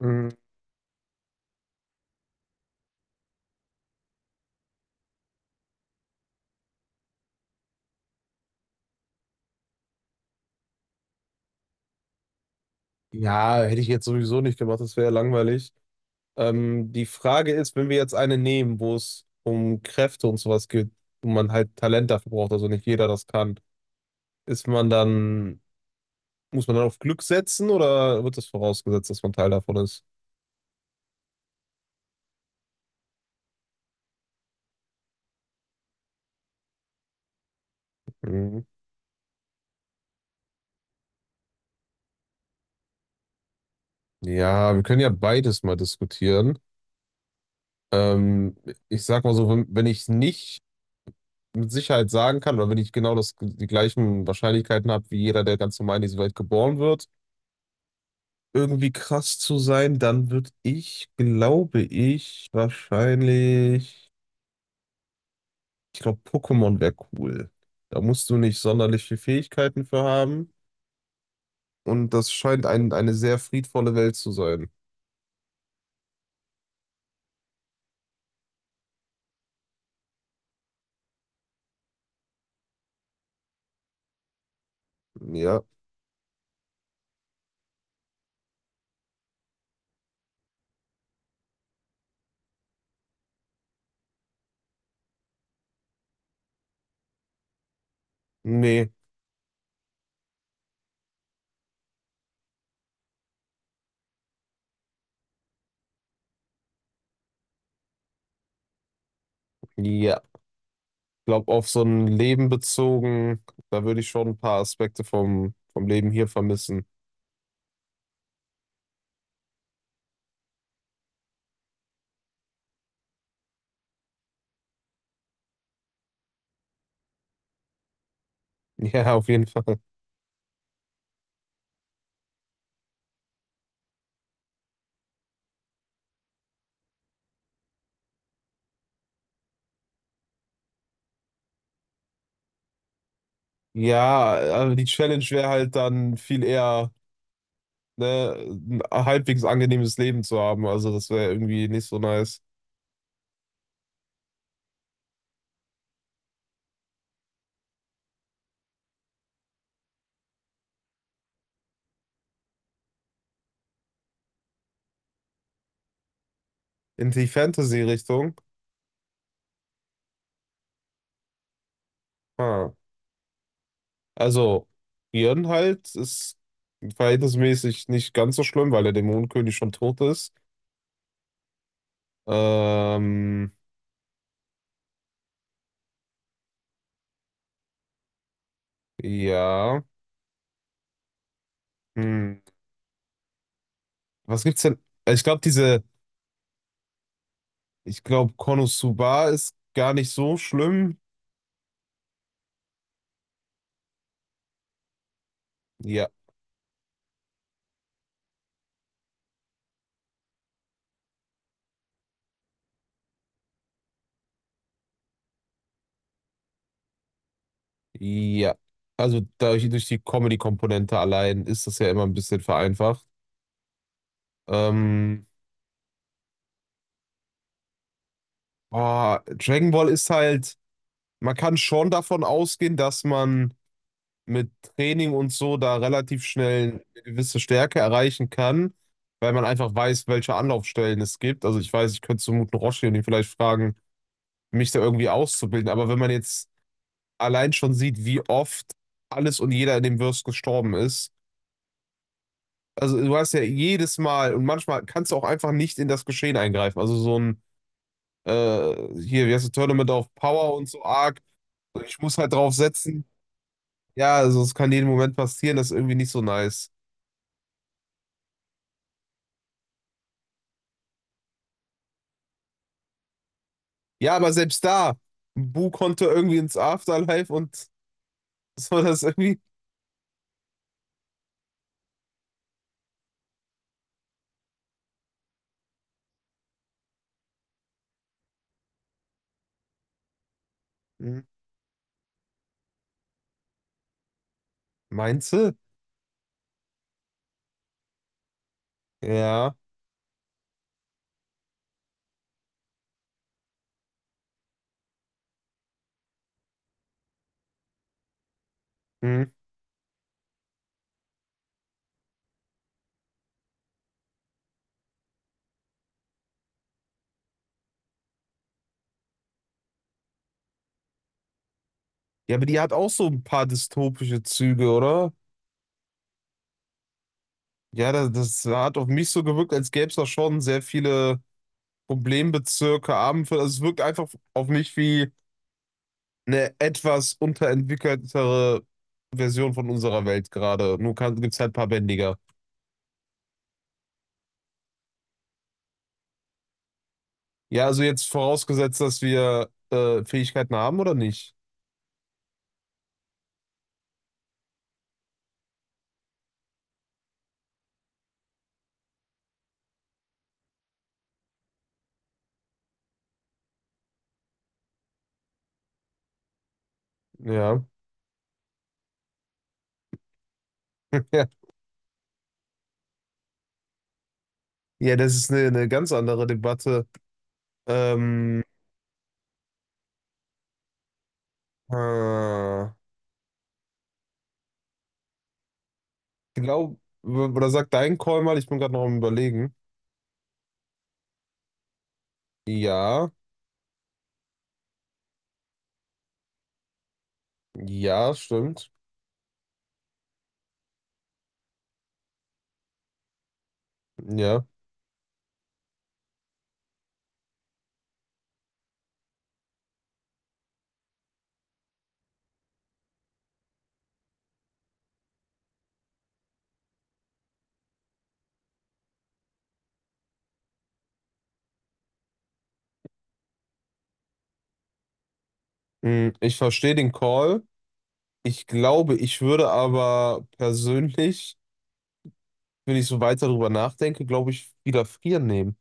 Mm, ja, hätte ich jetzt sowieso nicht gemacht, das wäre langweilig. Die Frage ist, wenn wir jetzt eine nehmen, wo es um Kräfte und sowas geht und man halt Talent dafür braucht, also nicht jeder das kann, ist man dann, muss man dann auf Glück setzen oder wird das vorausgesetzt, dass man Teil davon ist? Mhm. Ja, wir können ja beides mal diskutieren. Ähm, Ich sag mal so, wenn ich nicht mit Sicherheit sagen kann oder wenn ich genau das, die gleichen Wahrscheinlichkeiten habe wie jeder, der ganz normal in diese Welt geboren wird, irgendwie krass zu sein, dann würde ich, glaube ich, wahrscheinlich, ich glaube, Pokémon wäre cool. Da musst du nicht sonderlich viele Fähigkeiten für haben. Und das scheint ein, eine sehr friedvolle Welt zu sein. Ja. Nee. Ja. Ich glaube, auf so ein Leben bezogen, da würde ich schon ein paar Aspekte vom, vom Leben hier vermissen. Ja, auf jeden Fall. Ja, also die Challenge wäre halt dann viel eher. Ne, ein halbwegs angenehmes Leben zu haben. Also das wäre irgendwie nicht so nice. In die Fantasy-Richtung. Ha. Also, Björn halt ist verhältnismäßig nicht ganz so schlimm, weil der Dämonenkönig schon tot ist. Ähm, ja. Hm. Was gibt's denn? Ich glaube, diese, ich glaube, Konosuba ist gar nicht so schlimm. Ja, ja. Also dadurch, durch die Comedy-Komponente allein ist das ja immer ein bisschen vereinfacht. Ähm, Ah, Dragon Ball ist halt, man kann schon davon ausgehen, dass man mit Training und so da relativ schnell eine gewisse Stärke erreichen kann, weil man einfach weiß, welche Anlaufstellen es gibt. Also ich weiß, ich könnte zum guten Roshi und ihn vielleicht fragen, mich da irgendwie auszubilden. Aber wenn man jetzt allein schon sieht, wie oft alles und jeder in dem Verse gestorben ist, also du hast ja jedes Mal und manchmal kannst du auch einfach nicht in das Geschehen eingreifen. Also so ein hier, wie heißt das, Tournament of Power und so Arc. Ich muss halt drauf setzen. Ja, also es kann jeden Moment passieren, das ist irgendwie nicht so nice. Ja, aber selbst da, Bu konnte irgendwie ins Afterlife und so das irgendwie. Hm. Meinst du? Ja. Hm. Ja, aber die hat auch so ein paar dystopische Züge, oder? Ja, das, das hat auf mich so gewirkt, als gäbe es da schon sehr viele Problembezirke, Abendfälle. Also es wirkt einfach auf mich wie eine etwas unterentwickeltere Version von unserer Welt gerade. Nur gibt es halt ein paar Bändiger. Ja, also jetzt vorausgesetzt, dass wir Fähigkeiten haben oder nicht? Ja. Ja, ja, das ist eine ganz andere Debatte. Ähm, ich glaube, oder sagt dein Call mal, ich bin gerade noch am Überlegen. Ja, ja, stimmt. Ja. Hm, ich verstehe den Call. Ich glaube, ich würde aber persönlich, wenn ich so weiter drüber nachdenke, glaube ich, wieder frieren nehmen.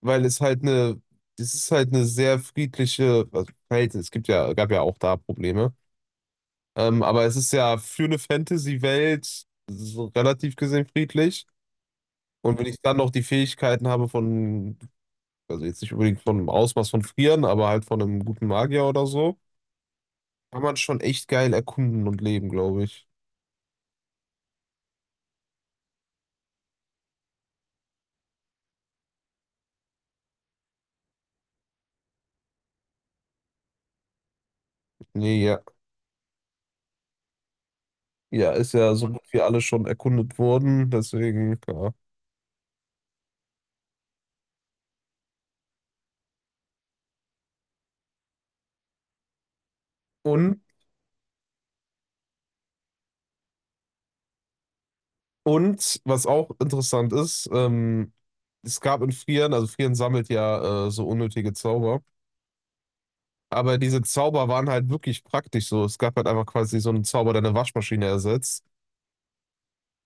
Weil es halt eine, es ist halt eine sehr friedliche, also Verhältnis, es gibt ja, gab ja auch da Probleme, aber es ist ja für eine Fantasy-Welt so relativ gesehen friedlich. Und wenn ich dann noch die Fähigkeiten habe von, also jetzt nicht unbedingt von einem Ausmaß von Frieren, aber halt von einem guten Magier oder so, kann man schon echt geil erkunden und leben, glaube ich. Nee, ja. Ja, ist ja so gut wie alles schon erkundet worden, deswegen, ja. Und Und was auch interessant ist, es gab in Frieren, also Frieren sammelt ja so unnötige Zauber, aber diese Zauber waren halt wirklich praktisch so. Es gab halt einfach quasi so einen Zauber, der eine Waschmaschine ersetzt.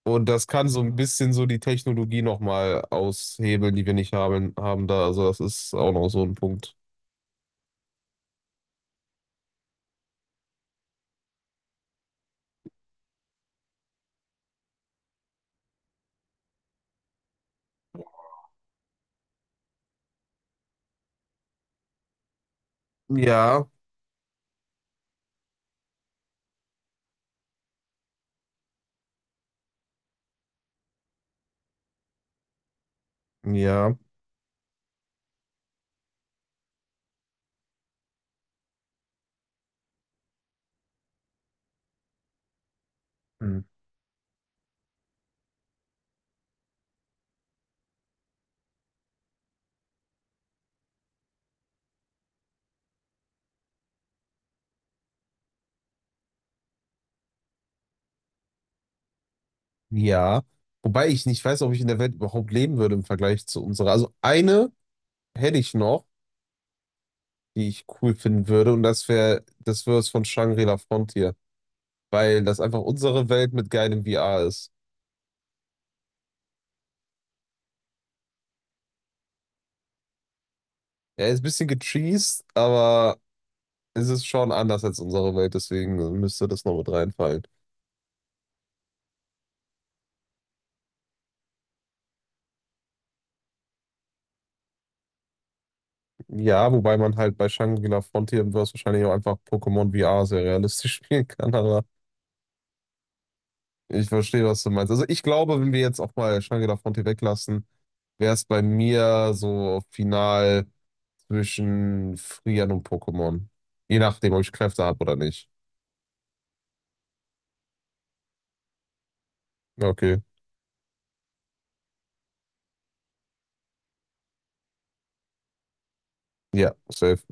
Und das kann so ein bisschen so die Technologie nochmal aushebeln, die wir nicht haben, haben da. Also das ist auch noch so ein Punkt. Ja, ja, hm, ja. Wobei ich nicht weiß, ob ich in der Welt überhaupt leben würde im Vergleich zu unserer. Also eine hätte ich noch, die ich cool finden würde. Und das wäre es von Shangri-La Frontier, weil das einfach unsere Welt mit geilem VR ist. Er ist ein bisschen gecheased, aber es ist schon anders als unsere Welt, deswegen müsste das noch mit reinfallen. Ja, wobei man halt bei Shangri-La Frontier im Verse wahrscheinlich auch einfach Pokémon VR sehr realistisch spielen kann, aber ich verstehe, was du meinst. Also ich glaube, wenn wir jetzt auch mal Shangri-La Frontier weglassen, wäre es bei mir so final zwischen Frieren und Pokémon. Je nachdem, ob ich Kräfte habe oder nicht. Okay. Ja, safe.